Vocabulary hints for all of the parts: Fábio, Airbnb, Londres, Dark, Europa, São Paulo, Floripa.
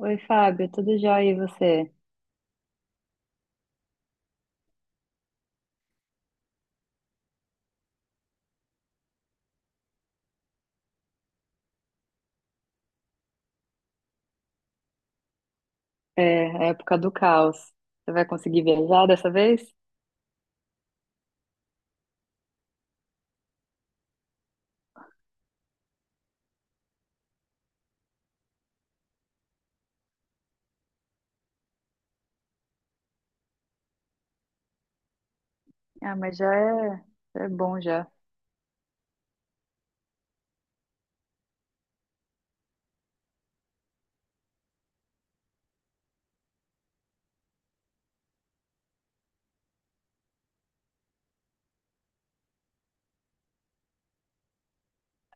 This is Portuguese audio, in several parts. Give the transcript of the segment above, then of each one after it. Oi, Fábio, tudo jóia e você? É, a época do caos. Você vai conseguir viajar dessa vez? Ah, mas já é bom já.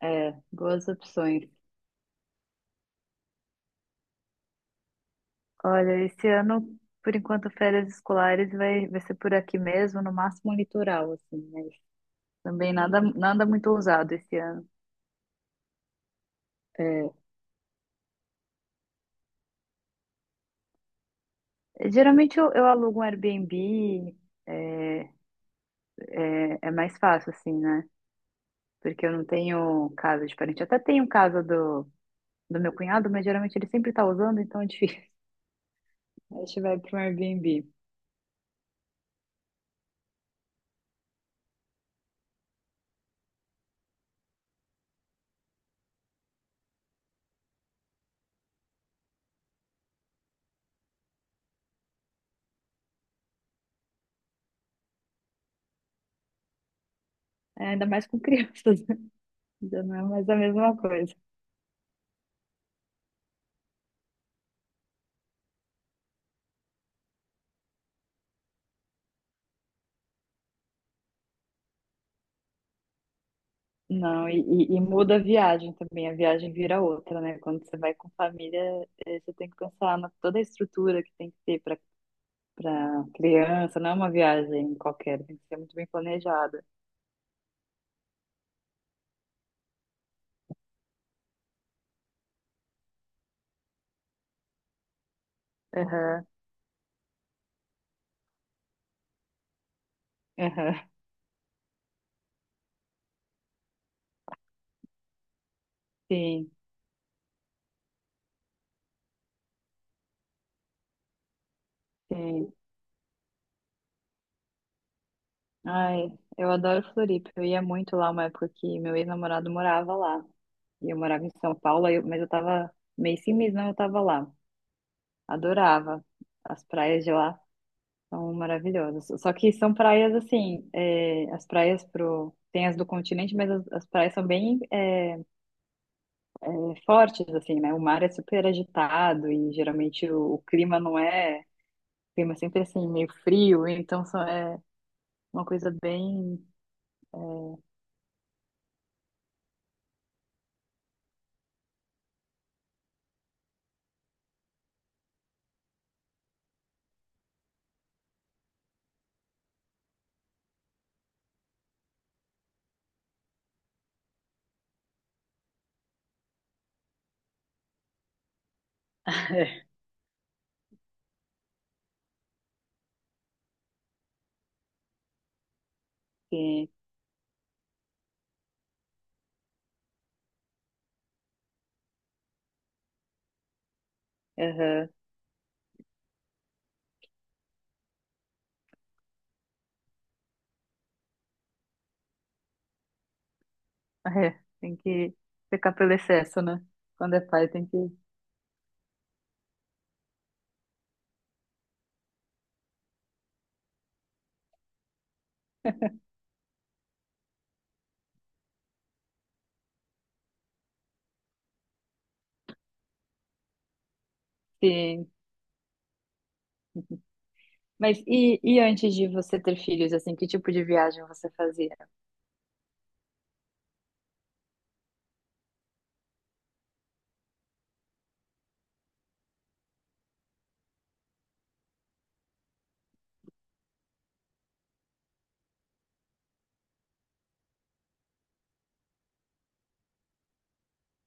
É, boas opções. Olha, esse ano, por enquanto, férias escolares vai ser por aqui mesmo, no máximo um litoral, assim, mas também nada, nada muito ousado esse ano. É, geralmente eu alugo um Airbnb, é, é mais fácil, assim, né? Porque eu não tenho casa de parente. Eu até tenho casa do meu cunhado, mas geralmente ele sempre tá usando, então é difícil. Aí a gente vai para um Airbnb. É, ainda mais com crianças, né? Já não é mais a mesma coisa. Não, e muda a viagem também, a viagem vira outra, né? Quando você vai com família, você tem que pensar na toda a estrutura que tem que ter para para criança, não é uma viagem qualquer, tem que ser muito bem planejada. Aham, aham, sim, sim. Ai, eu adoro Floripa, eu ia muito lá uma época que meu ex-namorado morava lá. E eu morava em São Paulo, aí eu- mas eu tava mês sim, mês não, eu tava lá. Adorava. As praias de lá são maravilhosas. Só que são praias assim, é, as praias pro. Tem as do continente, mas as praias são bem é, fortes, assim, né? O mar é super agitado e geralmente o clima não é. O clima é sempre assim, meio frio, então só é uma coisa bem. Que, aham, é, tem que pecar pelo excesso, né? Quando é pai, tem que se Mas e antes de você ter filhos, assim, que tipo de viagem você fazia?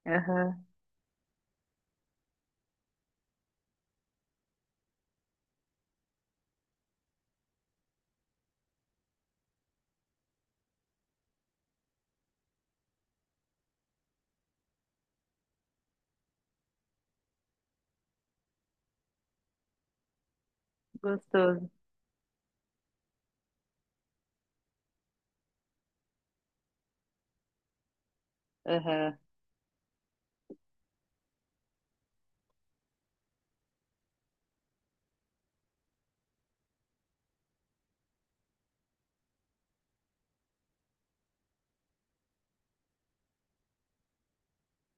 Aham, gostoso. Aham.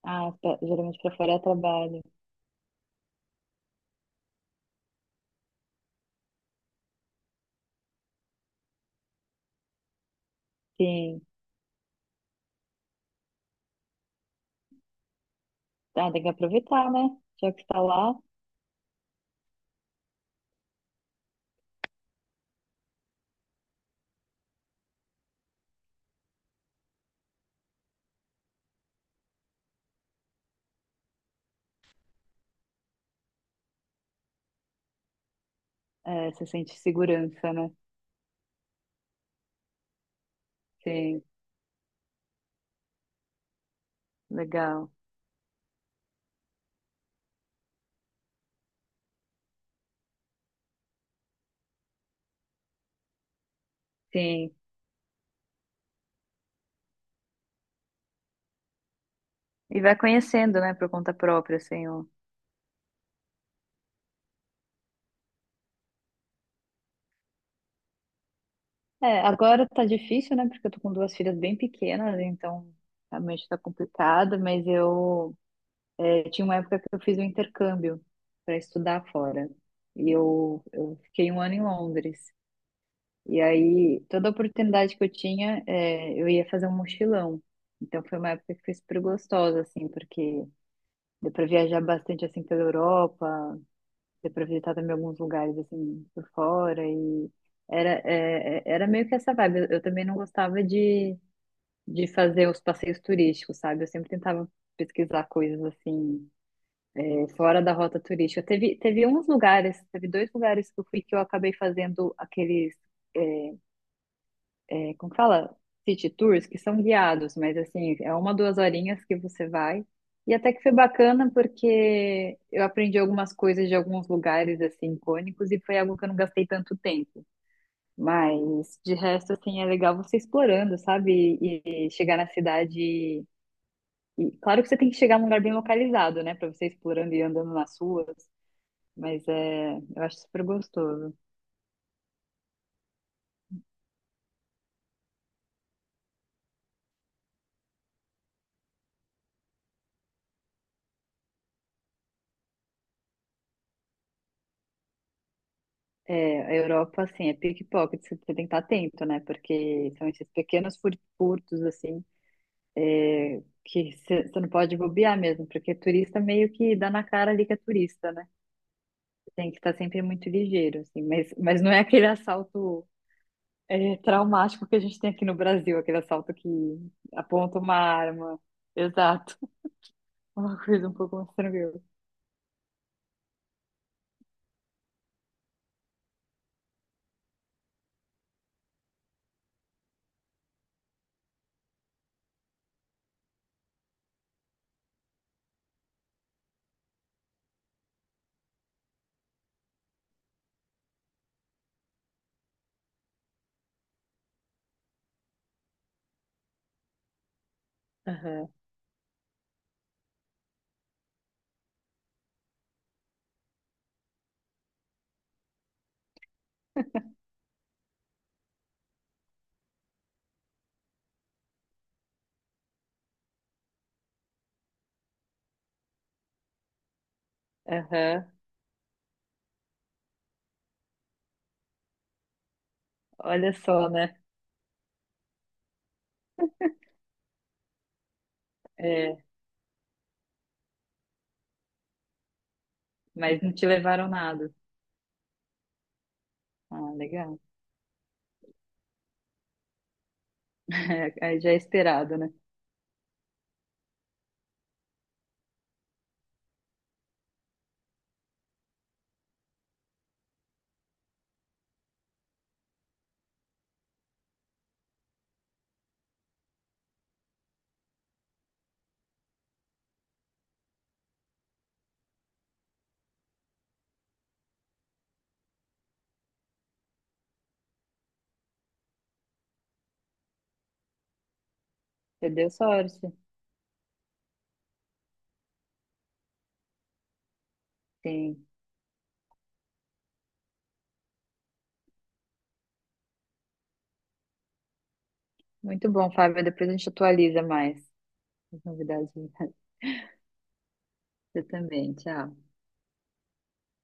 Ah, tá, geralmente pra fora é trabalho. Sim. Ah, tem que aproveitar, né? Já que está lá, é, você sente segurança, né? Sim, legal. Sim. E vai conhecendo, né, por conta própria, assim. O- É, agora tá difícil, né? Porque eu tô com duas filhas bem pequenas, então realmente tá complicado, mas eu tinha uma época que eu fiz um intercâmbio para estudar fora. E eu fiquei um ano em Londres. E aí, toda oportunidade que eu tinha, eu ia fazer um mochilão. Então, foi uma época que foi super gostosa, assim, porque deu para viajar bastante, assim, pela Europa, deu para visitar também alguns lugares, assim, por fora. E era, era meio que essa vibe. Eu também não gostava de fazer os passeios turísticos, sabe? Eu sempre tentava pesquisar coisas, assim fora da rota turística. Teve uns lugares, teve dois lugares que eu fui que eu acabei fazendo aqueles, é, como que fala? City tours, que são guiados, mas assim, é uma, duas horinhas que você vai. E até que foi bacana porque eu aprendi algumas coisas de alguns lugares, assim, icônicos, e foi algo que eu não gastei tanto tempo. Mas, de resto, assim, é legal você explorando, sabe? E chegar na cidade... E, claro que você tem que chegar num lugar bem localizado, né? Pra você ir explorando e andando nas ruas. Mas é, eu acho super gostoso. É, a Europa, assim, é pickpocket, você tem que estar atento, né? Porque são esses pequenos fur- furtos, assim, é, que você não pode bobear mesmo, porque turista meio que dá na cara ali que é turista, né? Tem que estar sempre muito ligeiro, assim. Mas não é aquele assalto, é, traumático que a gente tem aqui no Brasil, aquele assalto que aponta uma arma. Exato. Uma coisa um pouco mais tranquila. Aham, aham. Olha só, né? É, mas não te levaram nada. Ah, legal. Aí já é esperado, né? Você deu sorte. Sim. Muito bom, Fábio. Depois a gente atualiza mais as novidades. Você também. Tchau.